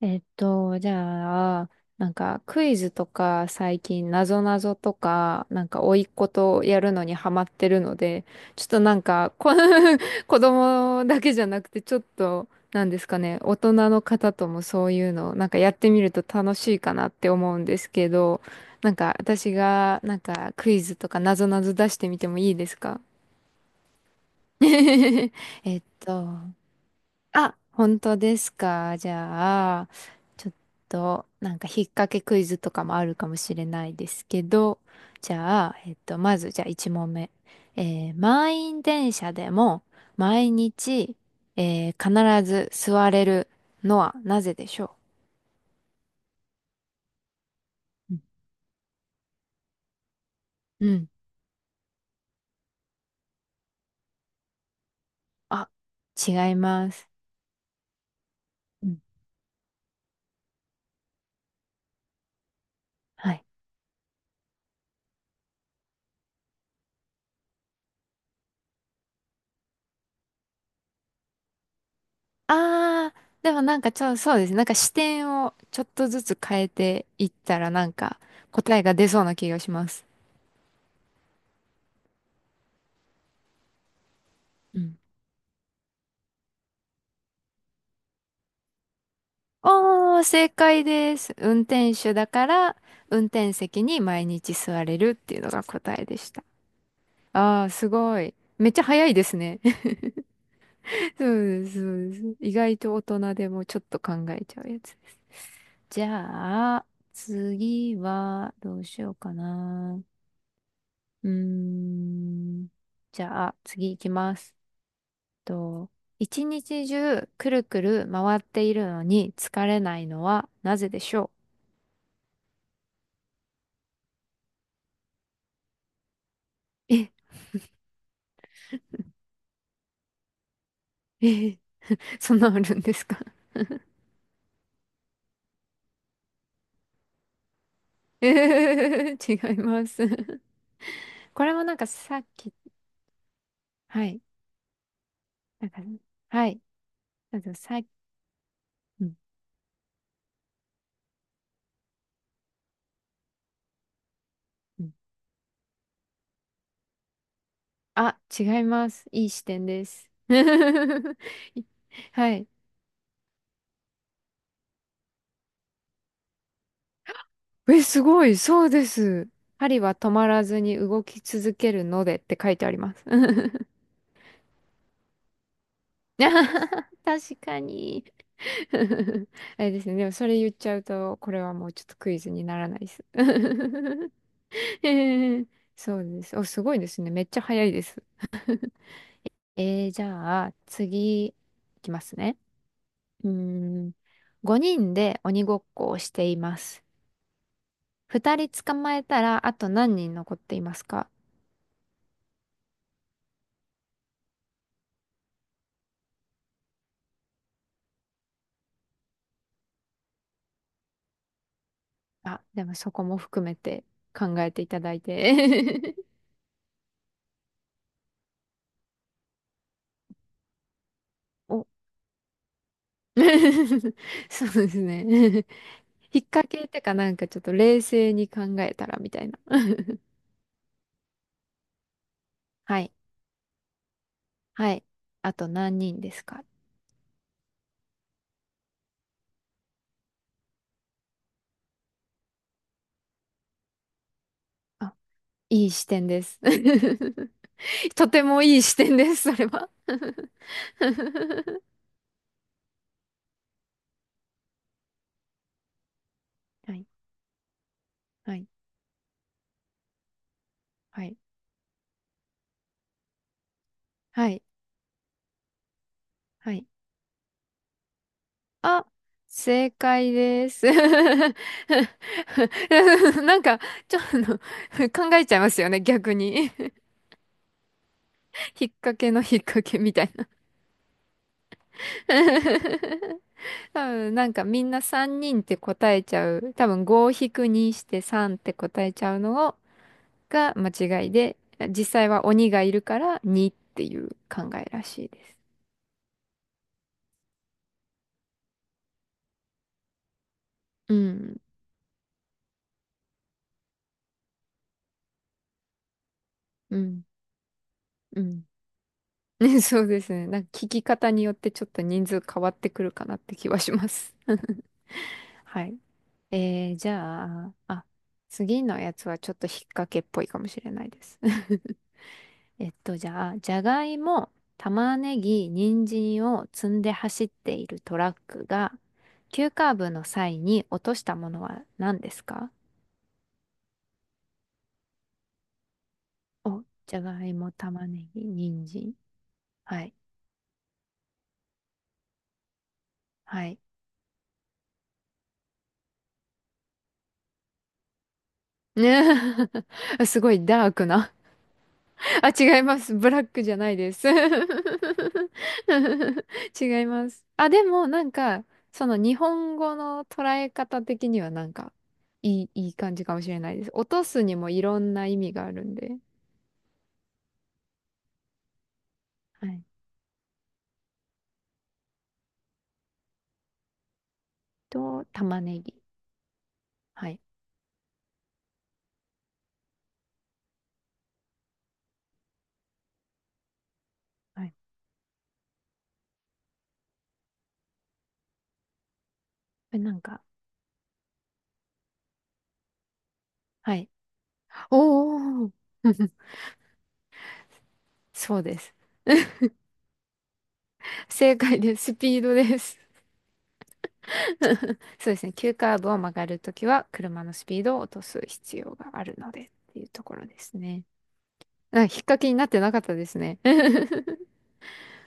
えっと、じゃあ、なんかクイズとか最近なぞなぞとか、なんか甥っ子とやるのにハマってるので、ちょっとなんか、子供だけじゃなくて、ちょっと、なんですかね、大人の方ともそういうの、なんかやってみると楽しいかなって思うんですけど、なんか私がなんかクイズとかなぞなぞ出してみてもいいですか？ えっと、あ、本当ですか。じゃあ、ちょっと、なんか、引っ掛けクイズとかもあるかもしれないですけど、じゃあ、まず、じゃあ、1問目。満員電車でも、毎日、必ず座れるのはなぜでしょうん。うん。うん。あ、違います。うん。はい。あー、でもなんかちょ、そうですね。なんか視点をちょっとずつ変えていったらなんか答えが出そうな気がします。ああ、正解です。運転手だから、運転席に毎日座れるっていうのが答えでした。ああ、すごい。めっちゃ早いですね。そうです、そうです。意外と大人でもちょっと考えちゃうやつ。じゃあ、次は、どうしようかな。うーん。じゃあ、次行きます。と、一日中、くるくる回っているのに疲れないのはなぜでしょう？え、え、そんなあるんですか？ えー、違います。これもなんかさっき、はい、なんか、はい、あとさっき、うん。うん。あ、違います。いい視点です。い、はい。え、すごい、そうです。針は止まらずに動き続けるのでって書いてあります。確かに。あれですね。でもそれ言っちゃうと、これはもうちょっとクイズにならないです。へえ そうです。お、すごいですね。めっちゃ早いです。じゃあ、次、いきますね。うーん。5人で鬼ごっこをしています。2人捕まえたら、あと何人残っていますか？あ、でもそこも含めて考えていただいて。お。そうですね。引っ掛けってかなんかちょっと冷静に考えたらみたいな。はい。はい。あと何人ですか？あ、いい視点です。とてもいい視点です、それは。はい、はい、はい、はい、はい。あ、正解です。なんか、ちょっと考えちゃいますよね、逆に。引っ掛けの引っ掛けみたいな 多分、なんかみんな3人って答えちゃう。多分5引く2して3って答えちゃうのを、が間違いで、実際は鬼がいるから2っていう考えらしいです。うん。うん。うん。ね、そうですね。なんか聞き方によってちょっと人数変わってくるかなって気はします。はい。じゃあ、あ、次のやつはちょっと引っ掛けっぽいかもしれないです。じゃがいも、玉ねぎ、人参を積んで走っているトラックが、急カーブの際に落としたものは何ですか？お、じゃがいも、玉ねぎ、人参。はい。はい。ね すごいダークな、あ、違います。ブラックじゃないです。違います。あ、でもなんか、その日本語の捉え方的にはなんか、いい、いい感じかもしれないです。落とすにもいろんな意味があるんで。はい。と、玉ねぎ。はい。はい。え、なんか、はい。おー そうです。正解です。スピードです。そうですね。急カーブを曲がるときは、車のスピードを落とす必要があるので、っていうところですね。あ、引っ掛けになってなかったですね。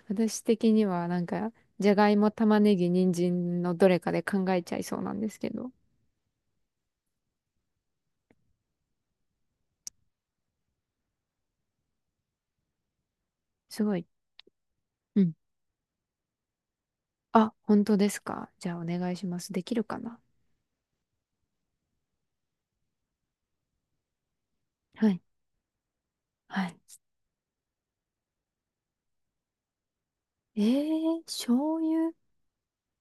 私的にはなんか、じゃがいも、玉ねぎ、人参のどれかで考えちゃいそうなんですけど。すごい。うん。あ、本当ですか。じゃあお願いします。できるかな。はい。はい。えー、醤油、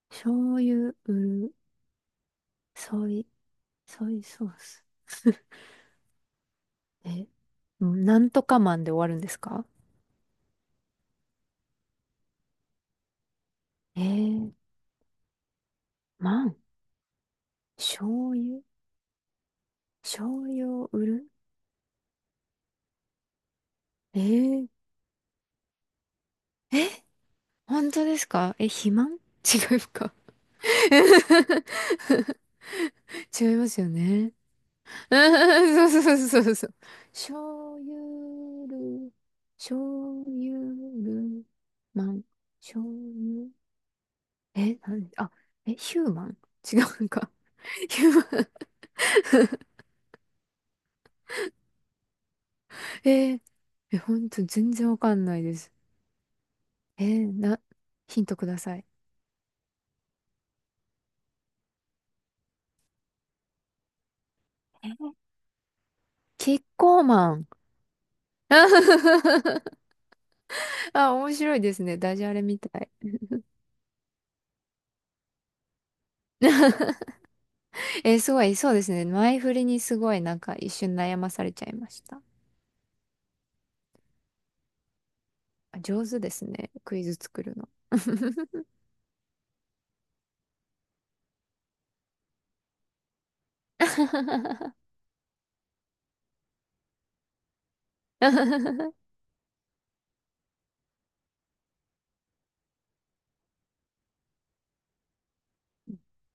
醤油、うる、ソイ、ソイソース。え、うん、なんとかマンで終わるんですか？えー、マン、醤油、醤油を売る、えー、えー本当ですか？え、肥満？ 違うか 違いますよね。そうそうそうそうそう。醤油る、醤油る、マン、醤油。え、なん、あ、え、ヒューマン、違うのか。ヒューマン。えー、え、ほんと全然わかんないです。えーな、ヒントください。キッコーマン。あ、面白いですね。ダジャレみたい。えーすごい、そうですね。前振りにすごいなんか一瞬悩まされちゃいました。あ、上手ですね。クイズ作るの。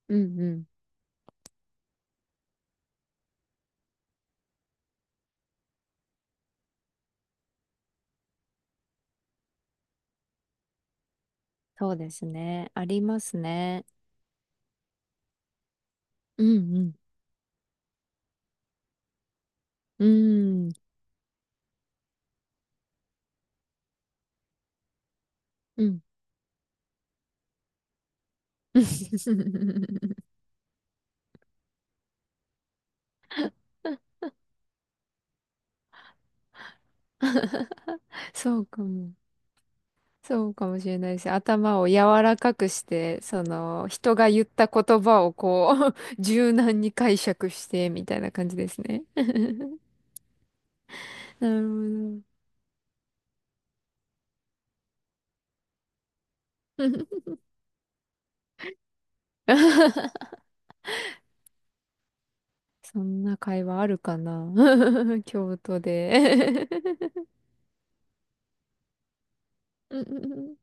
うん。うん。そうですね。ありますね。うん。うん。うん。うん。そうかも。そうかもしれないです。頭を柔らかくして、その、人が言った言葉をこう、柔軟に解釈して、みたいな感じですね。なるほど。そんな会話あるかな？ 京都で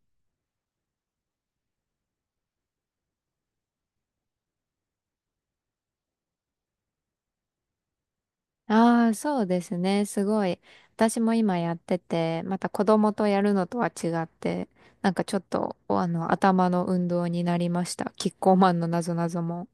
ああ、そうですね。すごい。私も今やってて、また子供とやるのとは違って、なんかちょっと、お、あの、頭の運動になりました。キッコーマンのなぞなぞも。